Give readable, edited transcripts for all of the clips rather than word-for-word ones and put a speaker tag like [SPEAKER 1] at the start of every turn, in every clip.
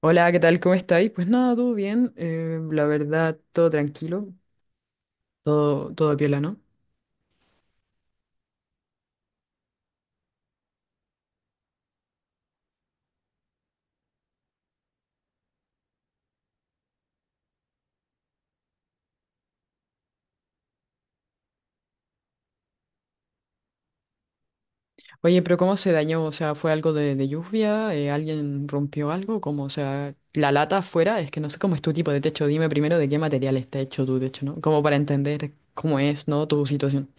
[SPEAKER 1] Hola, ¿qué tal? ¿Cómo estáis? Pues nada, todo bien. La verdad, todo tranquilo. Todo piola, ¿no? Oye, pero ¿cómo se dañó? O sea, ¿fue algo de lluvia? ¿Alguien rompió algo? ¿Cómo? O sea, la lata afuera, es que no sé cómo es tu tipo de techo. Dime primero de qué material está hecho tu techo, ¿no? Como para entender cómo es, ¿no? Tu situación.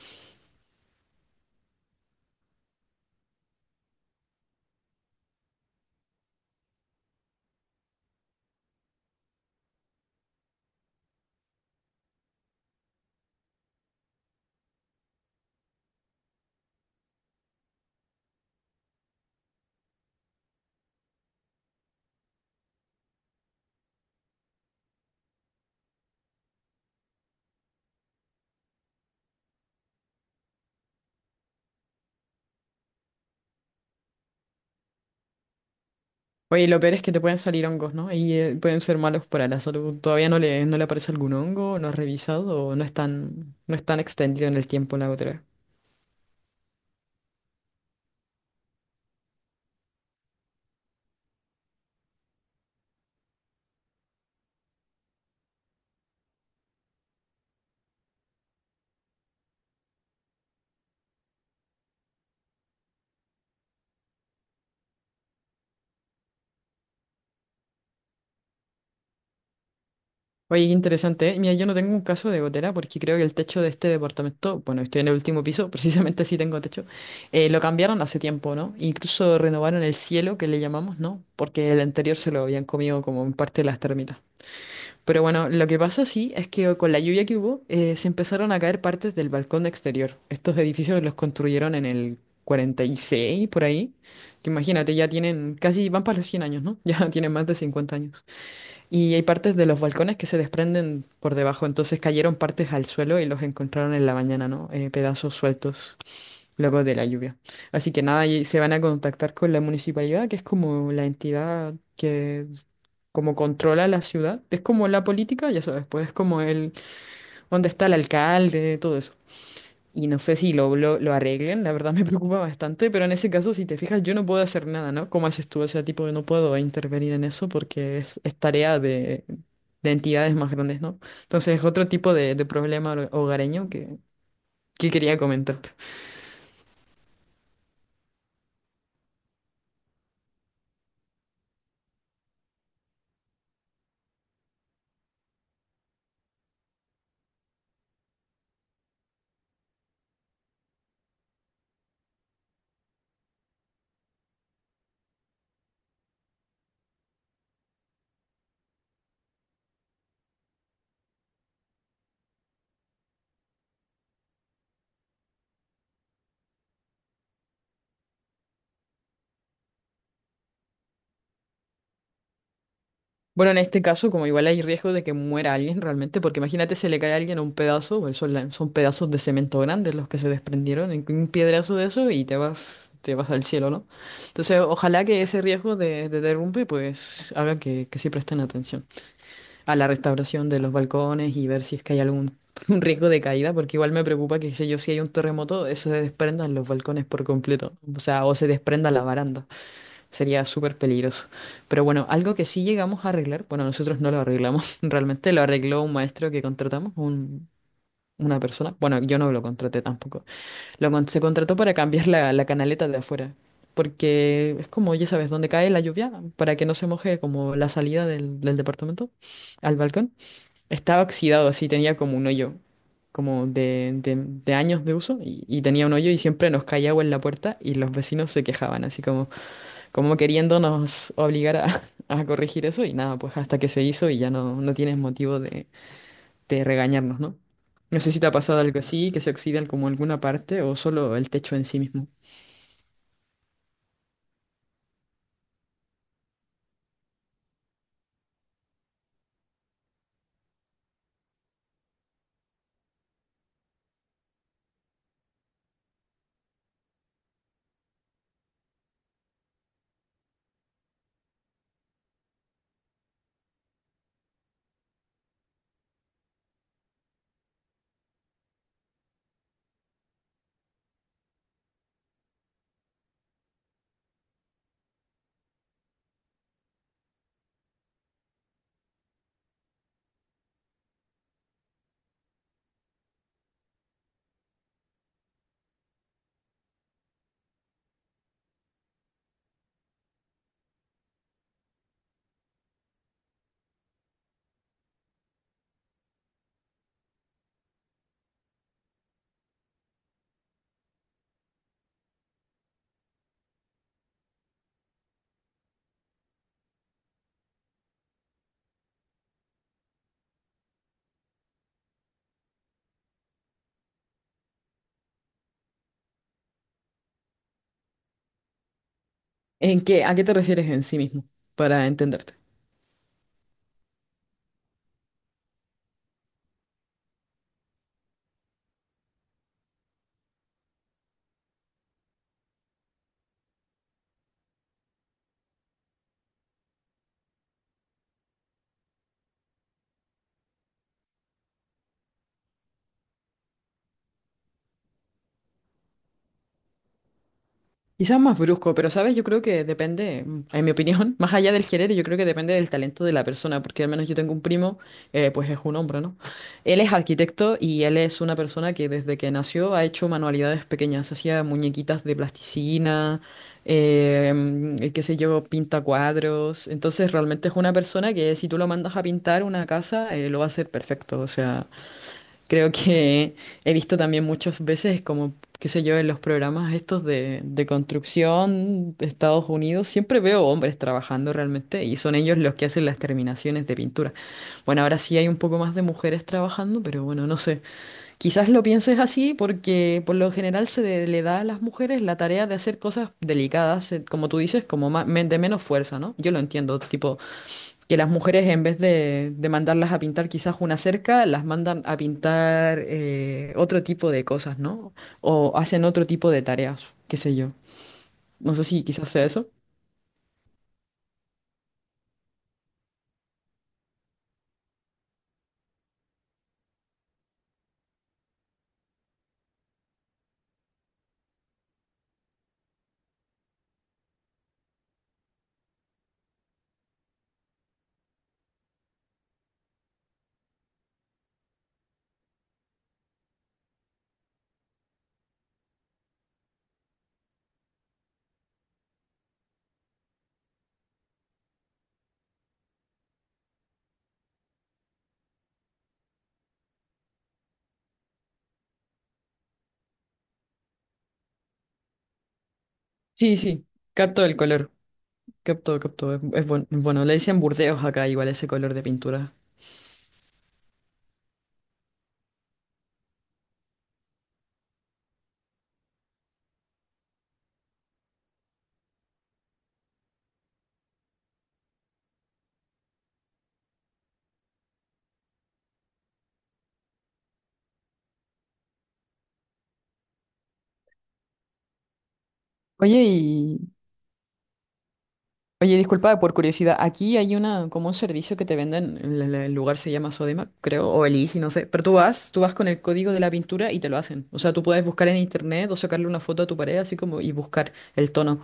[SPEAKER 1] Oye, lo peor es que te pueden salir hongos, ¿no? Y pueden ser malos para la salud. ¿Todavía no le aparece algún hongo? ¿No has revisado? ¿O no es tan extendido en el tiempo la gotera? Oye, qué interesante, ¿eh? Mira, yo no tengo un caso de gotera porque creo que el techo de este departamento, bueno, estoy en el último piso, precisamente sí tengo techo, lo cambiaron hace tiempo, ¿no? Incluso renovaron el cielo, que le llamamos, ¿no? Porque el anterior se lo habían comido como en parte las termitas. Pero bueno, lo que pasa sí es que con la lluvia que hubo, se empezaron a caer partes del balcón exterior. Estos edificios los construyeron en el 46, por ahí. Que imagínate, ya tienen casi, van para los 100 años, ¿no? Ya tienen más de 50 años. Y hay partes de los balcones que se desprenden por debajo, entonces cayeron partes al suelo y los encontraron en la mañana, ¿no? Pedazos sueltos luego de la lluvia. Así que nada, y se van a contactar con la municipalidad, que es como la entidad que como controla la ciudad. Es como la política, ya sabes, pues es como el, dónde está el alcalde, todo eso. Y no sé si lo arreglen, la verdad me preocupa bastante, pero en ese caso, si te fijas, yo no puedo hacer nada, ¿no? ¿Cómo haces tú? O sea, tipo, no puedo intervenir en eso porque es tarea de entidades más grandes, ¿no? Entonces es otro tipo de problema hogareño que quería comentar. Bueno, en este caso, como igual hay riesgo de que muera alguien realmente, porque imagínate se le cae a alguien un pedazo, bueno, son, son pedazos de cemento grandes los que se desprendieron, un piedrazo de eso y te vas al cielo, ¿no? Entonces, ojalá que ese riesgo de derrumbe, pues, haga que sí presten atención a la restauración de los balcones y ver si es que hay algún un riesgo de caída, porque igual me preocupa que, qué sé yo, si hay un terremoto, eso se desprendan los balcones por completo, o sea, o se desprenda la baranda. Sería súper peligroso. Pero bueno, algo que sí llegamos a arreglar, bueno, nosotros no lo arreglamos, realmente lo arregló un maestro que contratamos, una persona. Bueno, yo no lo contraté tampoco. Se contrató para cambiar la, la canaleta de afuera, porque es como, ya sabes, donde cae la lluvia, para que no se moje como la salida del, del departamento al balcón. Estaba oxidado, así tenía como un hoyo, como de, de años de uso, y tenía un hoyo y siempre nos caía agua en la puerta y los vecinos se quejaban, así como como queriéndonos obligar a, a corregir eso y nada, pues hasta que se hizo y ya no, no tienes motivo de regañarnos, ¿no? No sé si te ha pasado algo así, que se oxidan como alguna parte o solo el techo en sí mismo. ¿En qué? ¿A qué te refieres en sí mismo? Para entenderte. Quizás más brusco, pero sabes, yo creo que depende, mm, en mi opinión, más allá del género, yo creo que depende del talento de la persona, porque al menos yo tengo un primo, pues es un hombre, ¿no? Él es arquitecto y él es una persona que desde que nació ha hecho manualidades pequeñas, hacía muñequitas de plasticina, qué sé yo, pinta cuadros, entonces realmente es una persona que si tú lo mandas a pintar una casa, lo va a hacer perfecto, o sea... Creo que he visto también muchas veces, como, qué sé yo, en los programas estos de construcción de Estados Unidos, siempre veo hombres trabajando realmente y son ellos los que hacen las terminaciones de pintura. Bueno, ahora sí hay un poco más de mujeres trabajando, pero bueno, no sé. Quizás lo pienses así porque por lo general le da a las mujeres la tarea de hacer cosas delicadas, como tú dices, como de menos fuerza, ¿no? Yo lo entiendo, tipo, que las mujeres en vez de mandarlas a pintar quizás una cerca, las mandan a pintar otro tipo de cosas, ¿no? O hacen otro tipo de tareas, qué sé yo. No sé si quizás sea eso. Sí, sí, capto el color, capto, capto, es, es bueno. Le dicen burdeos acá igual ese color de pintura. Oye, y, Oye, disculpa, por curiosidad, aquí hay una, como un servicio que te venden, el, el lugar se llama Sodema, creo, o el Easy, no sé, pero tú vas con el código de la pintura y te lo hacen. O sea, tú puedes buscar en internet o sacarle una foto a tu pared, así como, y buscar el tono,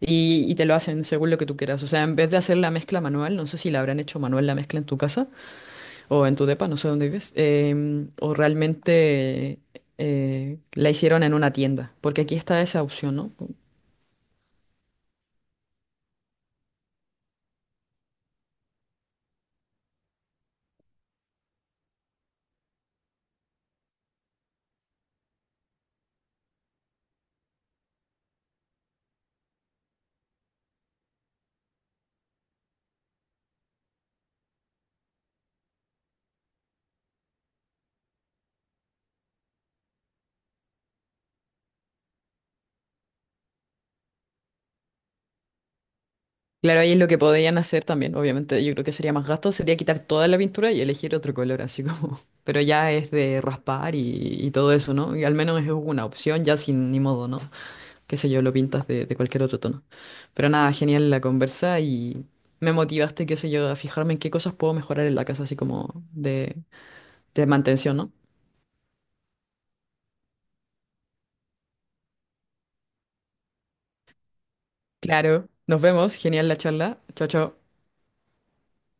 [SPEAKER 1] y te lo hacen según lo que tú quieras. O sea, en vez de hacer la mezcla manual, no sé si la habrán hecho manual la mezcla en tu casa o en tu depa, no sé dónde vives, o realmente la hicieron en una tienda, porque aquí está esa opción, ¿no? Claro, ahí es lo que podrían hacer también, obviamente. Yo creo que sería más gasto, sería quitar toda la pintura y elegir otro color, así como. Pero ya es de raspar y todo eso, ¿no? Y al menos es una opción, ya sin ni modo, ¿no? Qué sé yo, lo pintas de cualquier otro tono. Pero nada, genial la conversa y me motivaste, qué sé yo, a fijarme en qué cosas puedo mejorar en la casa, así como de mantención, ¿no? Claro, nos vemos, genial la charla. Chao, chao.